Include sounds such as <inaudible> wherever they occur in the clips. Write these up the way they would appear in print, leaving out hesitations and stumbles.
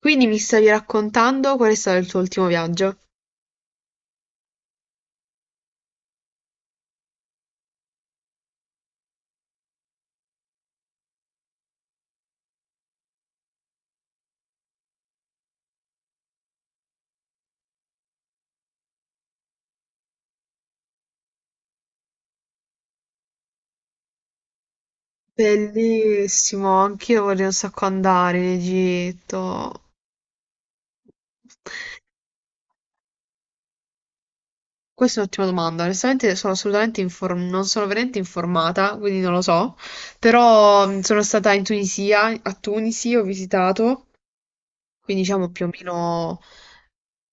Quindi mi stavi raccontando qual è stato il tuo ultimo viaggio? Bellissimo, anch'io vorrei un sacco andare in Egitto. Questa è un'ottima domanda. Onestamente sono assolutamente non sono veramente informata, quindi non lo so. Però sono stata in Tunisia, a Tunisi ho visitato, quindi diciamo più o meno.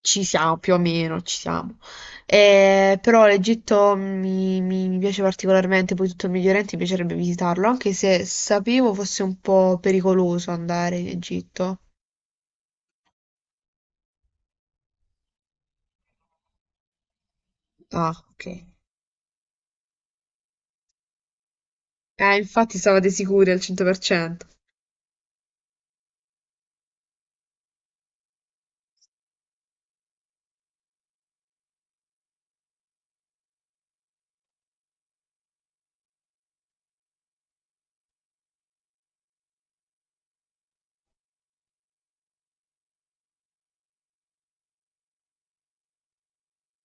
Ci siamo, più o meno, ci siamo. Però l'Egitto mi piace particolarmente, poi tutto il Medio Oriente mi piacerebbe visitarlo, anche se sapevo fosse un po' pericoloso andare in Egitto. Ah, ok. Infatti stavate sicuri al 100%.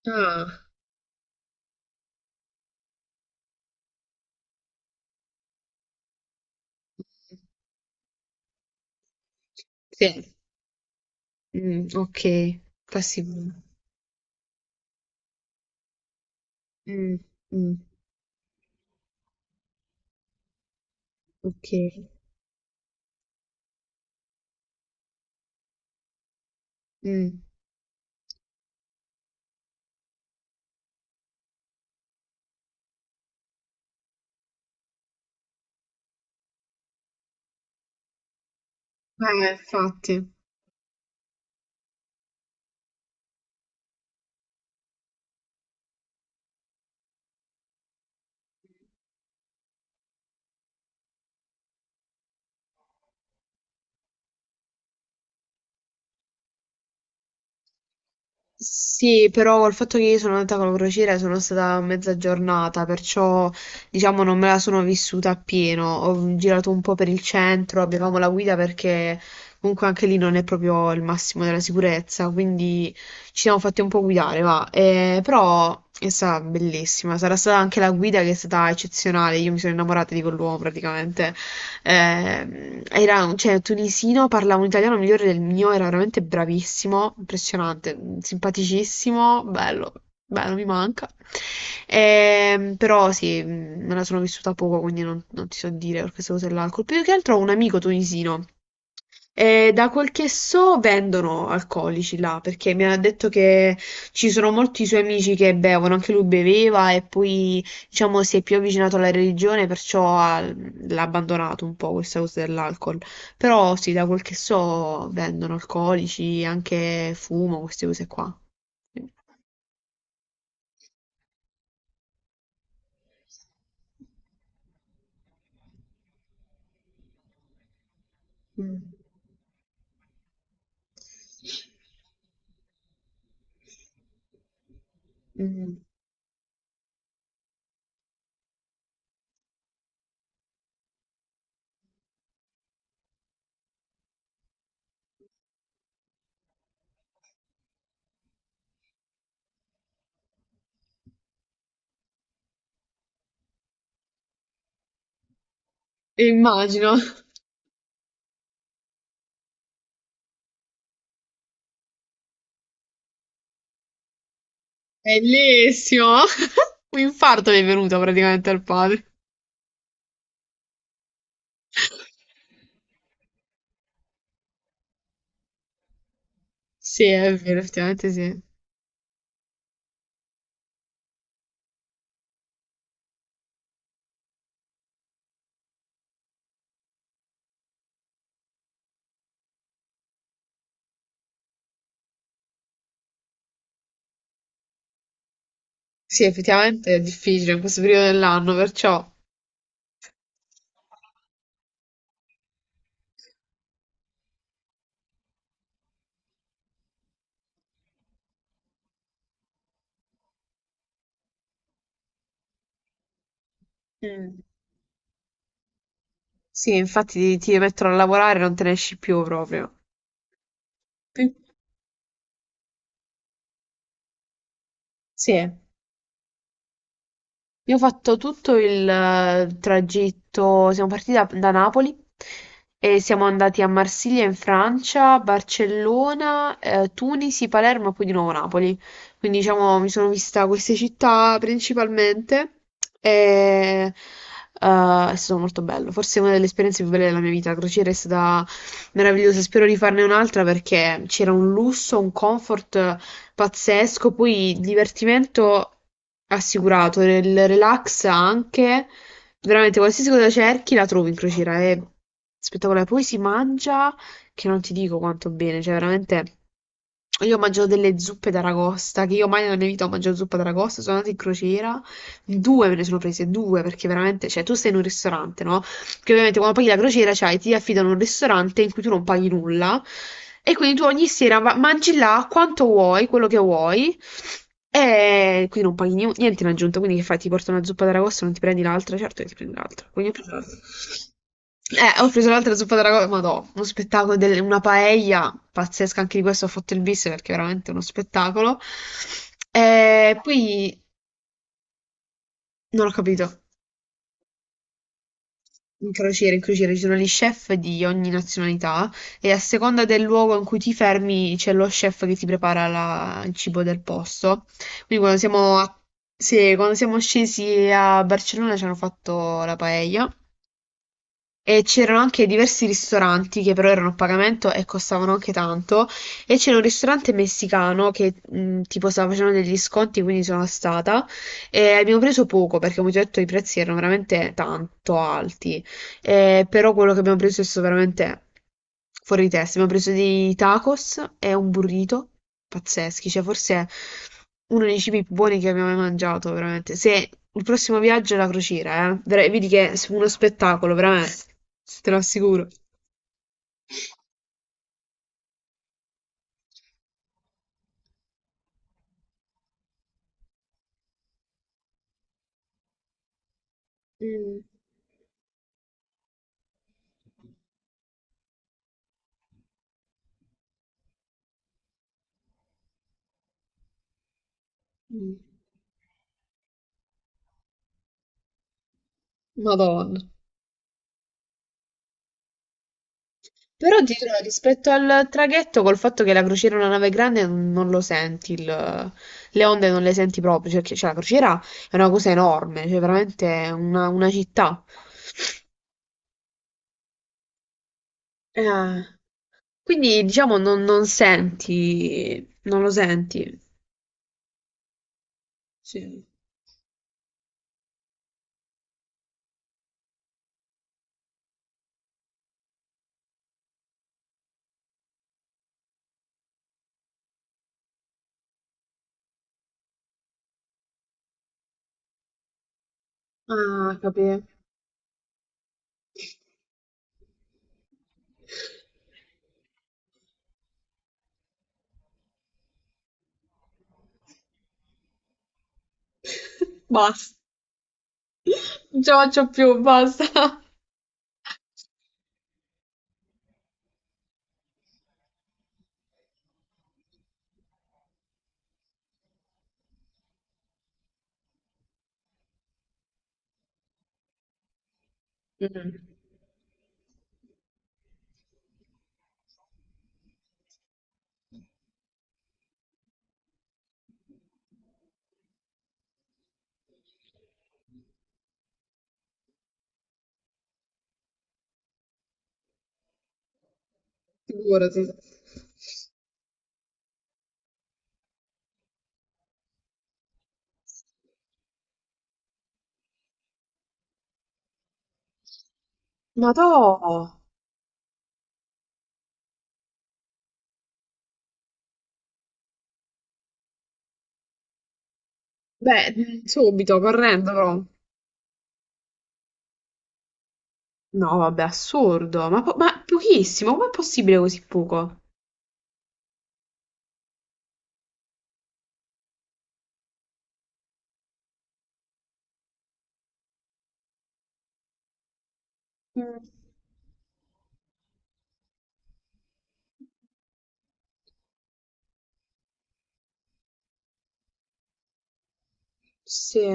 Ah. Sì. Mm, ok, passivo. Mm, mm, ok. Mm. Infatti. Sì, però col fatto che io sono andata con la crociera sono stata mezza giornata, perciò diciamo non me la sono vissuta appieno. Ho girato un po' per il centro, avevamo la guida perché comunque anche lì non è proprio il massimo della sicurezza, quindi ci siamo fatti un po' guidare, va. Però è stata bellissima, sarà stata anche la guida che è stata eccezionale, io mi sono innamorata di quell'uomo praticamente. Era cioè, tunisino, parlava un italiano migliore del mio, era veramente bravissimo, impressionante, simpaticissimo, bello, bello, mi manca. Però sì, me la sono vissuta poco, quindi non ti so dire per queste cose là. Più che altro ho un amico tunisino. E da quel che so vendono alcolici là, perché mi ha detto che ci sono molti suoi amici che bevono, anche lui beveva e poi diciamo si è più avvicinato alla religione, l'ha abbandonato un po' questa cosa dell'alcol. Però sì, da quel che so vendono alcolici, anche fumo, queste cose qua. Sì. Mm. Mm. Immagino, bellissimo! <laughs> Un infarto mi è venuto praticamente al padre. Sì, è vero, effettivamente sì. Sì, effettivamente è difficile in questo periodo dell'anno, perciò... Mm. Sì, infatti ti mettono a lavorare e non te ne esci più proprio. Pi- Sì. Io ho fatto tutto il tragitto, siamo partiti da Napoli e siamo andati a Marsiglia in Francia, Barcellona, Tunisi, Palermo e poi di nuovo Napoli. Quindi diciamo mi sono vista queste città principalmente e è stato molto bello. Forse una delle esperienze più belle della mia vita. La crociera è stata meravigliosa, spero di farne un'altra perché c'era un lusso, un comfort pazzesco, poi divertimento assicurato, il relax anche, veramente qualsiasi cosa cerchi la trovi in crociera, è spettacolare. Poi si mangia che non ti dico quanto bene, cioè veramente... Io ho mangiato delle zuppe d'aragosta, che io mai nella mia vita ho mangiato zuppa d'aragosta, sono andata in crociera, due me ne sono prese, due, perché veramente, cioè tu stai in un ristorante, no? Perché ovviamente quando paghi la crociera, cioè, ti affidano un ristorante in cui tu non paghi nulla e quindi tu ogni sera mangi là quanto vuoi, quello che vuoi e quindi non paghi niente in aggiunta, quindi che fai? Ti porta una zuppa d'aragosto, non ti prendi l'altra? Certo che ti prendi l'altra. Quindi ho preso l'altra. Ho preso l'altra zuppa d'aragosto, ma no, uno spettacolo, una paella pazzesca, anche di questo ho fatto il bis perché è veramente uno spettacolo. E poi non ho capito. In crociere ci sono gli chef di ogni nazionalità e a seconda del luogo in cui ti fermi c'è lo chef che ti prepara il cibo del posto. Quindi sì, quando siamo scesi a Barcellona ci hanno fatto la paella e c'erano anche diversi ristoranti che però erano a pagamento e costavano anche tanto e c'era un ristorante messicano che tipo stava facendo degli sconti quindi sono stata e abbiamo preso poco perché come ti ho detto i prezzi erano veramente tanto alti. Però quello che abbiamo preso è stato veramente fuori di testa. Abbiamo preso dei tacos e un burrito pazzeschi, cioè forse uno dei cibi più buoni che abbiamo mai mangiato, veramente. Se il prossimo viaggio è la crociera, vedi che è uno spettacolo, veramente, te lo assicuro. Mm. Mm. Madonna. Però ti dirò, rispetto al traghetto, col fatto che la crociera è una nave grande, non lo senti, le onde non le senti proprio, cioè, la crociera è una cosa enorme, cioè veramente è una città. Eh, quindi diciamo non senti, non lo senti. Sì. Ah, capì. <laughs> Basta, non ce la faccio più, basta. Mm. Figurati. Ma to... Beh, subito, correndo però. No, vabbè, assurdo. Ma pochissimo, com'è possibile così poco? Mm. Sì.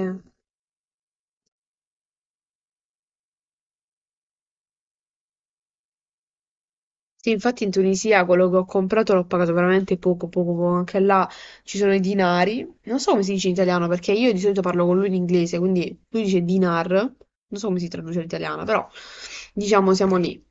Sì, infatti in Tunisia quello che ho comprato l'ho pagato veramente poco, poco, poco. Anche là ci sono i dinari. Non so come si dice in italiano, perché io di solito parlo con lui in inglese, quindi lui dice dinar. Non so come si traduce in italiano, però diciamo siamo lì.